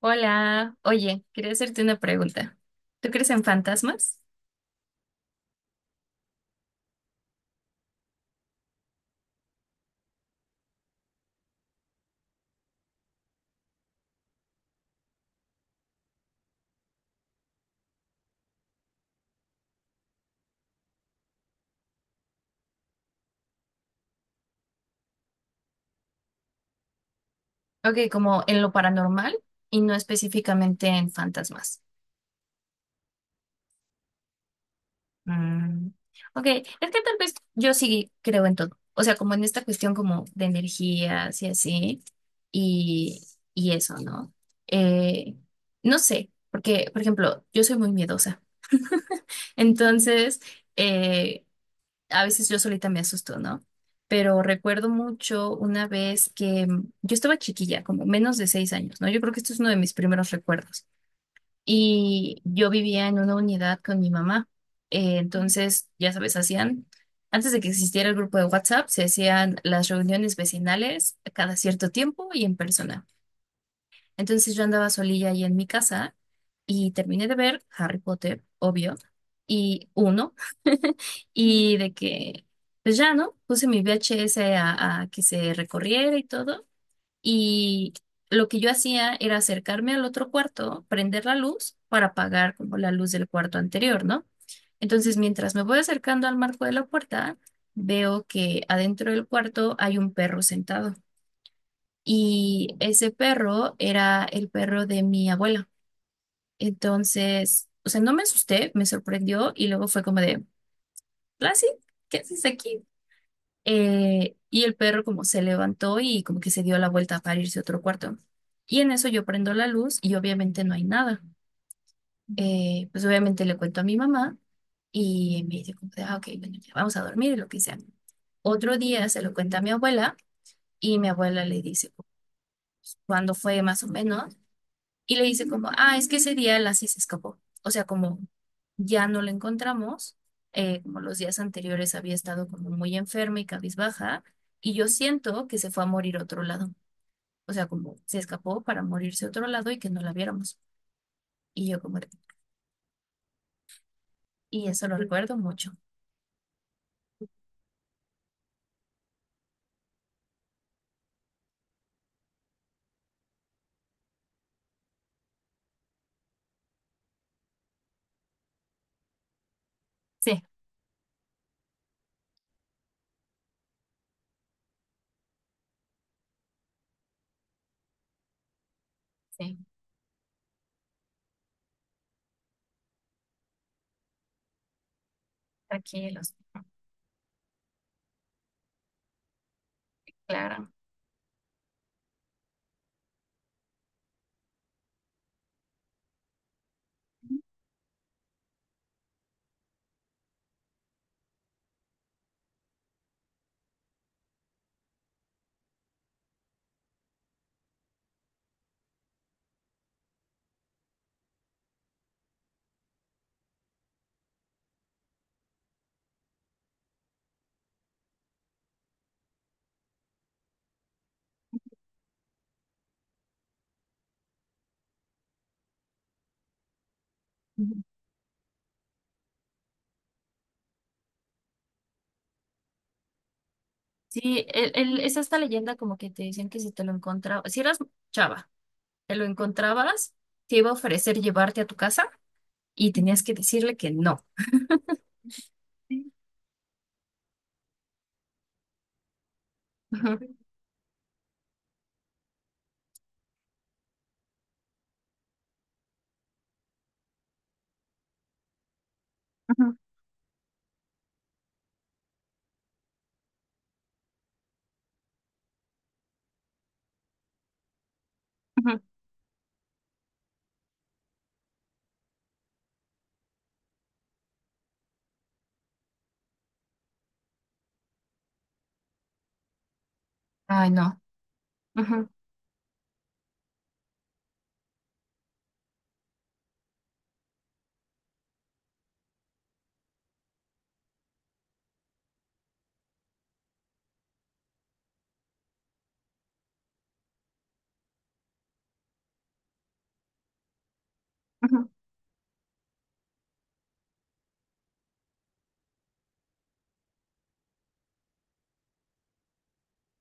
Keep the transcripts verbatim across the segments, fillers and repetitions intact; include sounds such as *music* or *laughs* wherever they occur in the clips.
Hola, oye, quería hacerte una pregunta. ¿Tú crees en fantasmas? Ok, como en lo paranormal y no específicamente en fantasmas. Mm, ok, es que tal vez yo sí creo en todo. O sea, como en esta cuestión como de energías y así, y, y eso, ¿no? Eh, no sé, porque, por ejemplo, yo soy muy miedosa. *laughs* Entonces, eh, a veces yo solita me asusto, ¿no? Pero recuerdo mucho una vez que mm, yo estaba chiquilla, como menos de seis años, ¿no? Yo creo que esto es uno de mis primeros recuerdos. Y yo vivía en una unidad con mi mamá. Eh, entonces, ya sabes, hacían, antes de que existiera el grupo de WhatsApp, se hacían las reuniones vecinales cada cierto tiempo y en persona. Entonces yo andaba solilla ahí en mi casa y terminé de ver Harry Potter, obvio, y uno, *laughs* y de que, pues ya, ¿no? Puse mi V H S a, a que se recorriera y todo, y lo que yo hacía era acercarme al otro cuarto, prender la luz para apagar como la luz del cuarto anterior, ¿no? Entonces, mientras me voy acercando al marco de la puerta, veo que adentro del cuarto hay un perro sentado. Y ese perro era el perro de mi abuela. Entonces, o sea, no me asusté, me sorprendió y luego fue como de, Lassie, ¿qué haces aquí? Eh, y el perro como se levantó y como que se dio la vuelta para irse a otro cuarto. Y en eso yo prendo la luz y obviamente no hay nada. Eh, pues obviamente le cuento a mi mamá y me dice como de, ah, ok, bueno, ya vamos a dormir y lo que sea. Otro día se lo cuenta a mi abuela y mi abuela le dice, ¿cuando fue más o menos? Y le dice como, ah, es que ese día Lassie se escapó. O sea, como ya no la encontramos, eh, como los días anteriores había estado como muy enferma y cabizbaja, y yo siento que se fue a morir a otro lado. O sea, como se escapó para morirse a otro lado y que no la viéramos. Y yo como, y eso lo recuerdo mucho. Sí, sí, tranquilos, claro. Ujú. Sí, el, el- es esta leyenda como que te dicen que si te lo encontrabas, si eras chava, te lo encontrabas, te iba a ofrecer llevarte a tu casa. Y tenías que decirle que no. Ujú, ujú, ujú. Ay, no. Ujú, ujú.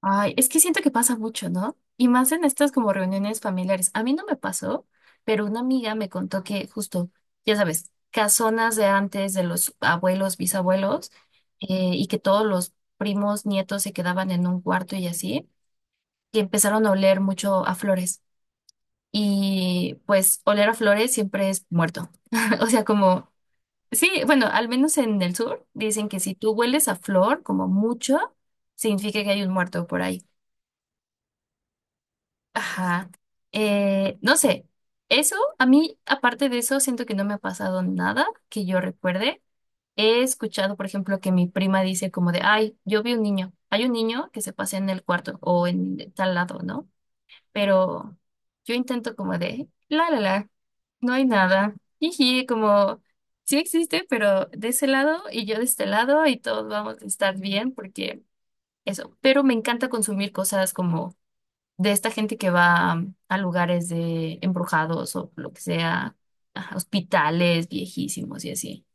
Ay, es que siento que pasa mucho, ¿no? Y más en estas como reuniones familiares. A mí no me pasó, pero una amiga me contó que justo, ya sabes, casonas de antes, de los abuelos, bisabuelos, eh, y que todos los primos, nietos se quedaban en un cuarto y así, y empezaron a oler mucho a flores. Y pues oler a flores siempre es muerto. *laughs* O sea, como sí, bueno, al menos en el sur dicen que si tú hueles a flor como mucho, significa que hay un muerto por ahí. Ajá. Eh, no sé, eso a mí, aparte de eso, siento que no me ha pasado nada que yo recuerde. He escuchado, por ejemplo, que mi prima dice como de, ay, yo vi un niño, hay un niño que se pasea en el cuarto o en tal lado, ¿no? Pero yo intento como de, la, la, la. No hay nada. Jiji, como sí existe, pero de ese lado y yo de este lado y todos vamos a estar bien porque eso. Pero me encanta consumir cosas como de esta gente que va mm, a lugares de embrujados o lo que sea, ajá, hospitales viejísimos y así.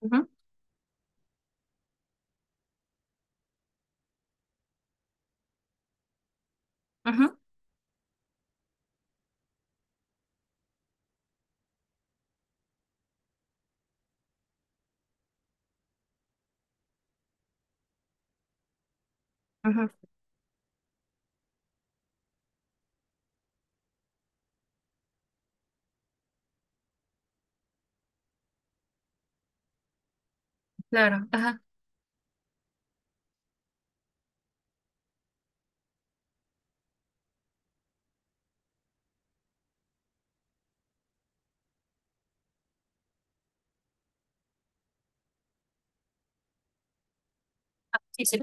Ujú, ujú, ujú, claro, ajá. Sí, sí,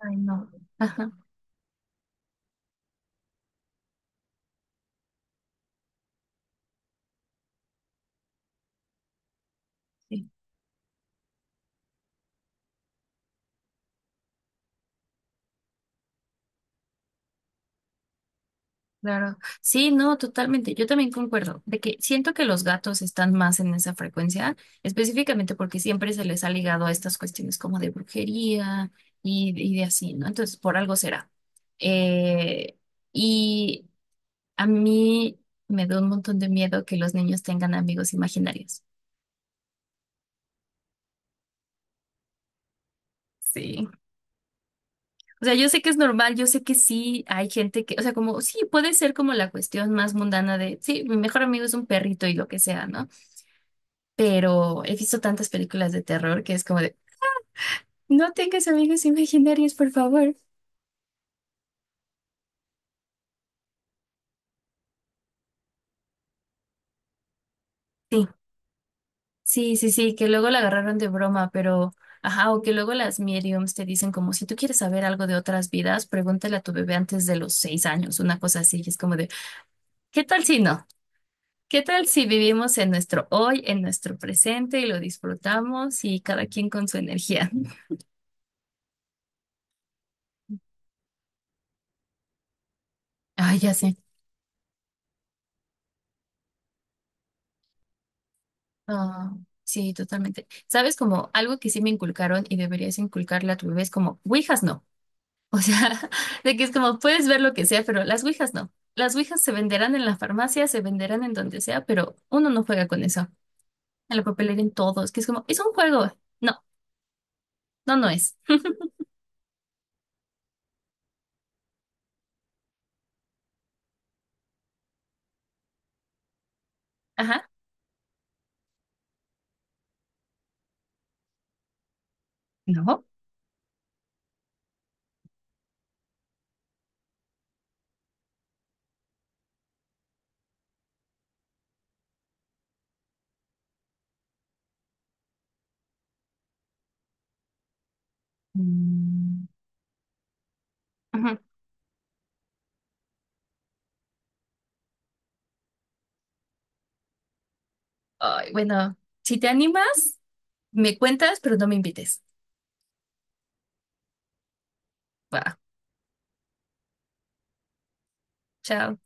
ay, no. Ajá, sí, claro. Sí, no, totalmente. Yo también concuerdo de que siento que los gatos están más en esa frecuencia, específicamente porque siempre se les ha ligado a estas cuestiones como de brujería y, y de así, ¿no? Entonces, por algo será. Eh, y a mí me da un montón de miedo que los niños tengan amigos imaginarios. Sí. O sea, yo sé que es normal, yo sé que sí hay gente que, o sea, como sí puede ser como la cuestión más mundana de, sí, mi mejor amigo es un perrito y lo que sea, ¿no? Pero he visto tantas películas de terror que es como de, no tengas amigos imaginarios, por favor. Sí, sí, sí, sí, que luego la agarraron de broma, pero, ajá, o que luego las mediums te dicen como, si tú quieres saber algo de otras vidas, pregúntale a tu bebé antes de los seis años, una cosa así, y es como de, ¿qué tal si no? ¿Qué tal si vivimos en nuestro hoy, en nuestro presente y lo disfrutamos y cada quien con su energía? Ay, ya se no, sí, totalmente. Sabes, como algo que sí me inculcaron y deberías inculcarle a tu bebé es como, ouijas no. O sea, *laughs* de que es como, puedes ver lo que sea, pero las ouijas no. Las ouijas se venderán en la farmacia, se venderán en donde sea, pero uno no juega con eso. En la papelera, en todos, que es como, es un juego. No, no, no es. Ajá. ¿No? Mm, ujú. Ay, bueno, si te animas, me cuentas, pero no me invites. Va, chao.